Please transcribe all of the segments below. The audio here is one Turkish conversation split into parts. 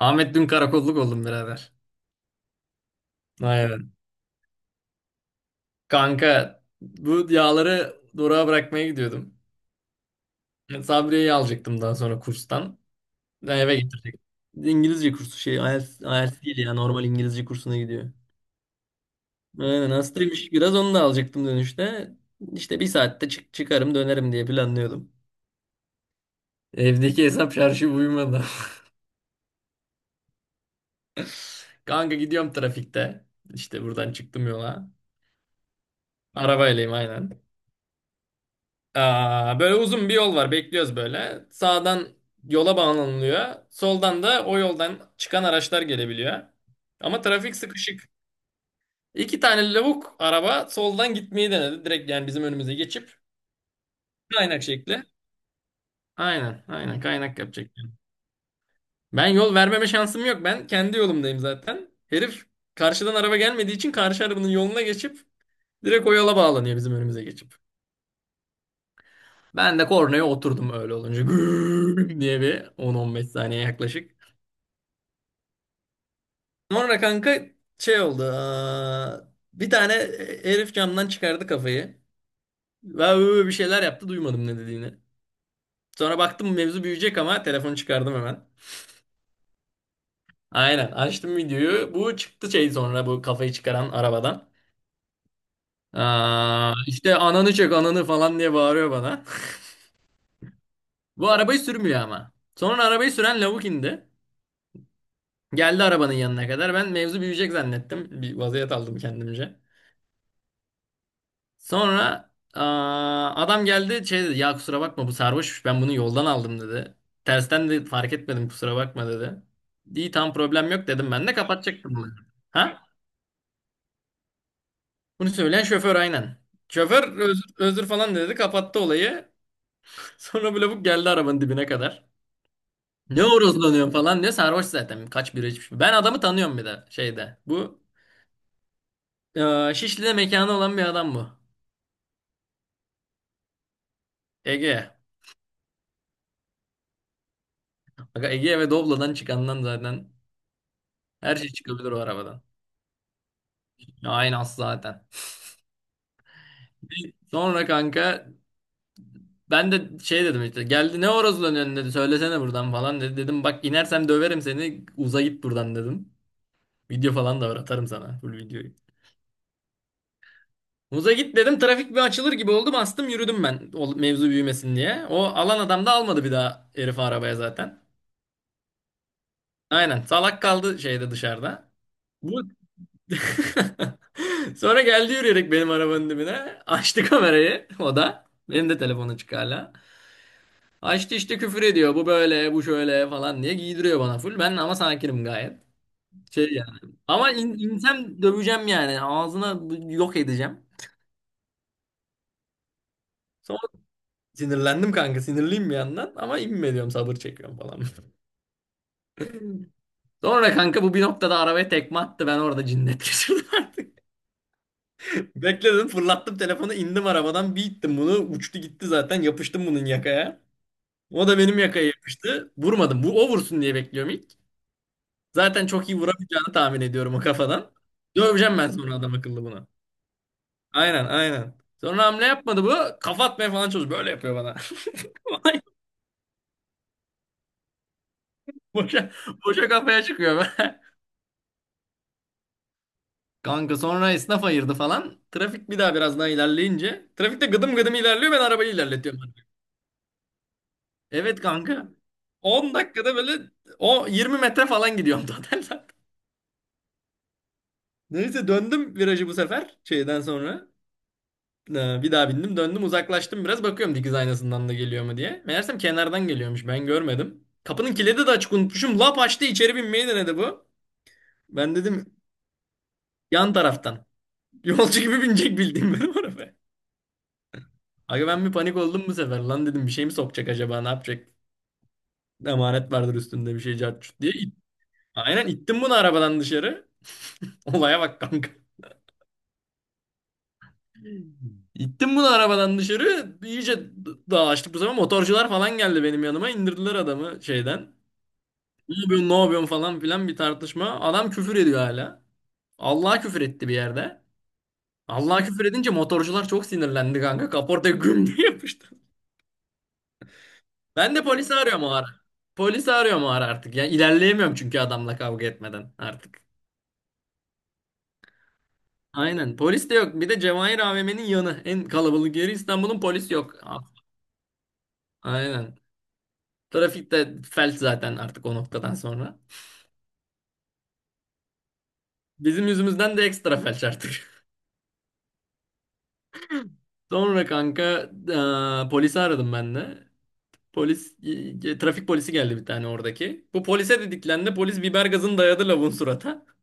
Ahmet dün karakolluk oldum birader. Aynen. Kanka bu yağları durağa bırakmaya gidiyordum. Sabriye'yi alacaktım daha sonra kurstan. Ben eve getirecektim. İngilizce kursu şey IELTS, IELTS değil ya normal İngilizce kursuna gidiyor. Aynen hastaymış biraz onu da alacaktım dönüşte. İşte bir saatte çıkarım dönerim diye planlıyordum. Evdeki hesap şarjı uyumadı. Kanka gidiyorum trafikte. İşte buradan çıktım yola. Arabaylıyım aynen. Böyle uzun bir yol var. Bekliyoruz böyle. Sağdan yola bağlanılıyor. Soldan da o yoldan çıkan araçlar gelebiliyor. Ama trafik sıkışık. İki tane lavuk araba soldan gitmeyi denedi. Direkt yani bizim önümüze geçip kaynak şekli. Aynen, aynen kaynak yapacak yani. Ben yol vermeme şansım yok. Ben kendi yolumdayım zaten. Herif karşıdan araba gelmediği için karşı arabanın yoluna geçip direkt o yola bağlanıyor bizim önümüze geçip. Ben de kornaya oturdum öyle olunca. Gürrrr diye bir 10-15 saniye yaklaşık. Sonra kanka şey oldu. Bir tane herif camdan çıkardı kafayı. Ve böyle bir şeyler yaptı duymadım ne dediğini. Sonra baktım mevzu büyüyecek ama telefonu çıkardım hemen. Aynen açtım videoyu. Bu çıktı şey sonra bu kafayı çıkaran arabadan. İşte ananı çek ananı falan diye bağırıyor bana. Bu arabayı sürmüyor ama. Sonra arabayı süren lavuk indi. Geldi arabanın yanına kadar. Ben mevzu büyüyecek zannettim. Bir vaziyet aldım kendimce. Sonra adam geldi şey dedi ya kusura bakma bu sarhoşmuş ben bunu yoldan aldım dedi. Tersten de fark etmedim kusura bakma dedi. İyi tam problem yok dedim ben de kapatacaktım bunu. Ha? Bunu söyleyen şoför aynen. Şoför özür falan dedi kapattı olayı. Sonra böyle bu geldi arabanın dibine kadar. Ne horozlanıyorsun falan diyor sarhoş zaten kaç bira içmiş. Ben adamı tanıyorum bir de şeyde. Bu Şişli'de mekanı olan bir adam bu. Ege. Aga Ege ve Doblo'dan çıkandan zaten her şey çıkabilir o arabadan. Aynas zaten. Sonra kanka ben de şey dedim işte geldi ne orası lan önüne dedi söylesene buradan falan dedi. Dedim bak inersem döverim seni uza git buradan dedim. Video falan da var atarım sana full videoyu. Uza git dedim trafik bir açılır gibi oldu bastım yürüdüm ben o mevzu büyümesin diye. O alan adam da almadı bir daha herifi arabaya zaten. Aynen salak kaldı şeyde dışarıda. Bu... Sonra geldi yürüyerek benim arabanın dibine açtı kamerayı o da. Benim de telefon açık hala. Ha işte küfür ediyor. Bu böyle, bu şöyle falan diye giydiriyor bana full. Ben ama sakinim gayet. Şey yani. Ama insem döveceğim yani. Ağzına yok edeceğim. Sonra sinirlendim kanka. Sinirliyim bir yandan. Ama inme diyorum sabır çekiyorum falan. Sonra kanka bu bir noktada arabaya tekme attı. Ben orada cinnet geçirdim. Bekledim fırlattım telefonu indim arabadan bir ittim bunu. Uçtu gitti zaten yapıştım bunun yakaya. O da benim yakaya yapıştı. Vurmadım. Bu o vursun diye bekliyorum ilk. Zaten çok iyi vuramayacağını tahmin ediyorum o kafadan. Döveceğim ben sonra adam akıllı bunu. Aynen aynen. Sonra hamle yapmadı bu. Kafa atmaya falan çalışıyor. Böyle yapıyor bana. Vay, Boşa, boşa kafaya çıkıyor. Kanka sonra esnaf ayırdı falan. Trafik bir daha biraz daha ilerleyince. Trafikte gıdım gıdım ilerliyor ben arabayı ilerletiyorum. Evet kanka. 10 dakikada böyle o 20 metre falan gidiyorum total zaten. Neyse döndüm virajı bu sefer şeyden sonra. Bir daha bindim döndüm uzaklaştım biraz bakıyorum dikiz aynasından da geliyor mu diye. Meğersem kenardan geliyormuş ben görmedim. Kapının kilidi de açık unutmuşum. Lap açtı içeri binmeyi denedi bu. Ben dedim yan taraftan. Yolcu gibi binecek bildiğim benim arabaya. Aga ben bir panik oldum bu sefer. Lan dedim bir şey mi sokacak acaba ne yapacak? Emanet vardır üstünde bir şey cart curt diye. Aynen ittim bunu arabadan dışarı. Olaya bak kanka. İttim bunu arabadan dışarı. İyice dağlaştık bu sefer. Motorcular falan geldi benim yanıma. İndirdiler adamı şeyden. Ne yapıyorsun, ne yapıyorsun falan filan bir tartışma. Adam küfür ediyor hala. Allah'a küfür etti bir yerde. Allah'a küfür edince motorcular çok sinirlendi kanka. Kaportaya güm diye yapıştı. Ben de polisi arıyorum o ara. Polisi arıyorum o ara artık. Ya ilerleyemiyorum çünkü adamla kavga etmeden artık. Aynen. Polis de yok. Bir de Cevahir AVM'nin yanı. En kalabalık yeri İstanbul'un polis yok. Aynen. Trafik de felç zaten artık o noktadan sonra. Bizim yüzümüzden de ekstra felç artık. Sonra kanka polisi aradım ben de. Polis, Trafik polisi geldi bir tane oradaki. Bu polise dediklerinde polis biber gazını dayadı lavun surata.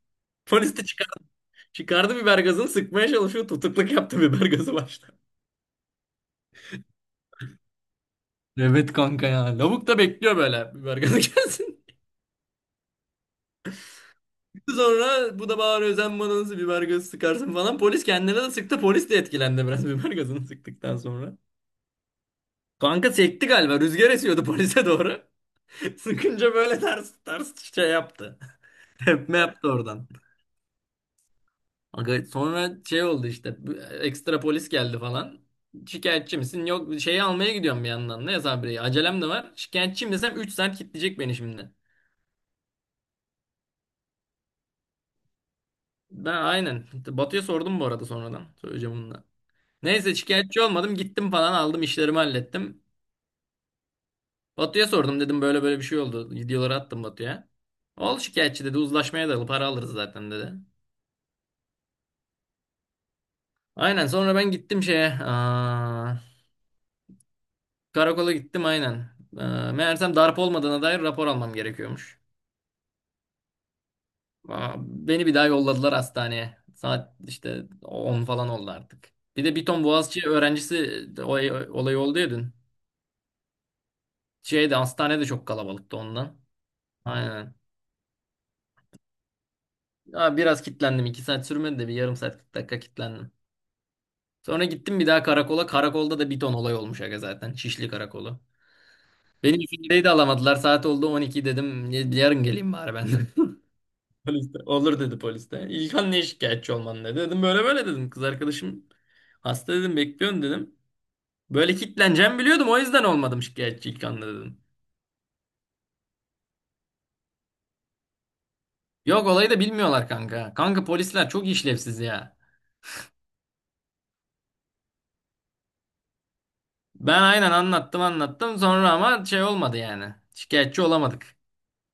Polis de çıkardı biber gazını sıkmaya çalışıyor. Tutukluk yaptı biber gazı başta. Evet kanka ya. Lavuk da bekliyor böyle biber gazı gelsin. Sonra bu da bağırıyor sen bana nasıl biber gazı sıkarsın falan. Polis kendine de sıktı. Polis de etkilendi biraz biber gazını sıktıktan sonra. Kanka sekti galiba. Rüzgar esiyordu polise doğru. Sıkınca böyle ters ters şey yaptı. Tepme yaptı oradan. Aga sonra şey oldu işte ekstra polis geldi falan. Şikayetçi misin? Yok şeyi almaya gidiyorum bir yandan. Ne sabreyi? Acelem de var. Şikayetçiyim desem 3 saat kilitleyecek beni şimdi. Ben aynen. Batu'ya sordum bu arada sonradan. Söyleyeceğim onu da. Neyse şikayetçi olmadım. Gittim falan aldım işlerimi hallettim. Batu'ya sordum dedim böyle böyle bir şey oldu. Videoları attım Batu'ya. Ol şikayetçi dedi uzlaşmaya dayalı para alırız zaten dedi. Aynen sonra ben gittim şeye. Karakola gittim aynen. Ee, Meğersem darp olmadığına dair rapor almam gerekiyormuş. Beni bir daha yolladılar hastaneye. Saat işte 10 falan oldu artık. Bir de bir ton Boğaziçi öğrencisi de olay oldu ya dün. Şeyde hastanede çok kalabalıktı ondan. Aynen. Ya biraz kilitlendim. İki saat sürmedi de bir yarım saat 40 dakika kilitlendim. Sonra gittim bir daha karakola. Karakolda da bir ton olay olmuş aga zaten. Şişli karakolu. Beni ifadeyi de alamadılar. Saat oldu 12 dedim. Yarın geleyim bari ben de. Polis de, olur dedi polis de. İlkan niye şikayetçi olman dedi. Dedim böyle böyle dedim. Kız arkadaşım hasta dedim bekliyorum dedim. Böyle kitleneceğimi biliyordum o yüzden olmadım şikayetçi İlkan'la dedim. Yok olayı da bilmiyorlar kanka. Kanka polisler çok işlevsiz ya. Ben aynen anlattım anlattım sonra ama şey olmadı yani. Şikayetçi olamadık.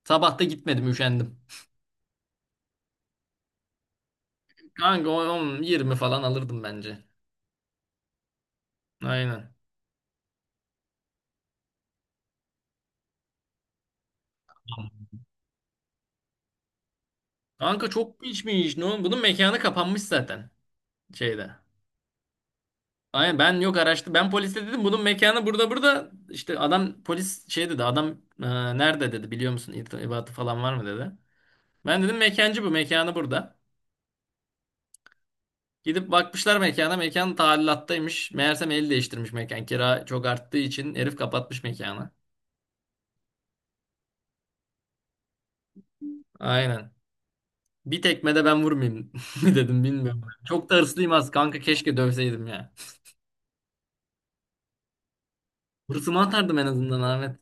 Sabah da gitmedim üşendim. Kanka 10-20 falan alırdım bence. Aynen. Kanka çok içmiş. Ne oğlum? Bunun mekanı kapanmış zaten şeyde. Aynen ben yok araştı. Ben polise dedim bunun mekanı burada burada. İşte adam polis şey dedi adam e, nerede dedi biliyor musun irtibatı falan var mı dedi. Ben dedim mekancı bu mekanı burada. Gidip bakmışlar mekana mekan talilattaymış. Meğersem el değiştirmiş mekan. Kira çok arttığı için herif kapatmış mekanı. Aynen. Bir tekme de ben vurmayayım dedim bilmiyorum. Çok da hırslıyım az kanka keşke dövseydim ya. Hırsımı atardım en azından Ahmet.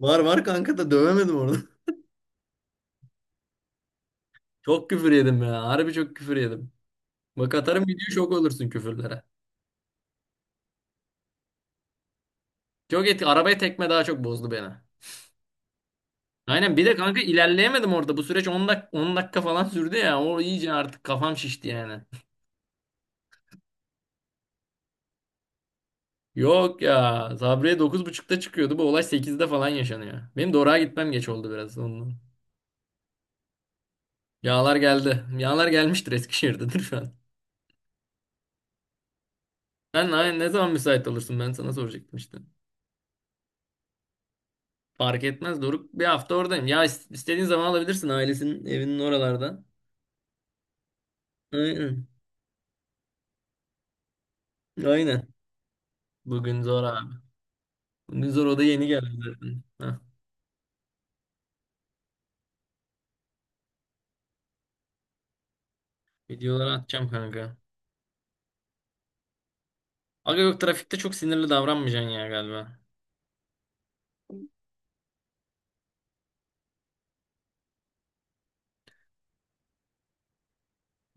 Var var kanka da dövemedim orada. Çok küfür yedim ya. Harbi çok küfür yedim. Bak atarım video şok olursun küfürlere. Çok etki. Arabaya tekme daha çok bozdu beni. Aynen bir de kanka ilerleyemedim orada. Bu süreç on dakika falan sürdü ya. O iyice artık kafam şişti yani. Yok ya. Sabriye 9.30'da çıkıyordu. Bu olay 8'de falan yaşanıyor. Benim Dora'ya gitmem geç oldu biraz ondan. Yağlar geldi. Yağlar gelmiştir Eskişehir'dedir şu an. Sen ne zaman müsait olursun? Ben sana soracaktım işte. Fark etmez Doruk. Bir hafta oradayım. Ya istediğin zaman alabilirsin ailesinin evinin oralarda. Aynen. Aynen. Bugün zor abi. Zoro da yeni geldi zaten. Heh. Videoları atacağım kanka. Aga yok trafikte çok sinirli davranmayacaksın ya galiba.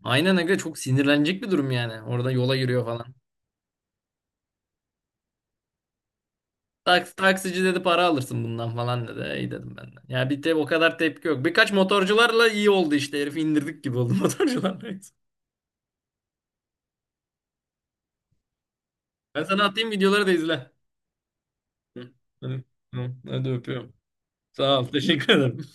Aynen aga çok sinirlenecek bir durum yani. Orada yola yürüyor falan. Taksici dedi para alırsın bundan falan dedi. İyi dedim ben de. Ya bir de o kadar tepki yok. Birkaç motorcularla iyi oldu işte. Herifi indirdik gibi oldu motorcularla. Ben sana atayım videoları da izle. Hı. Hadi, Hı. Hadi öpüyorum. Sağ ol. Teşekkür ederim.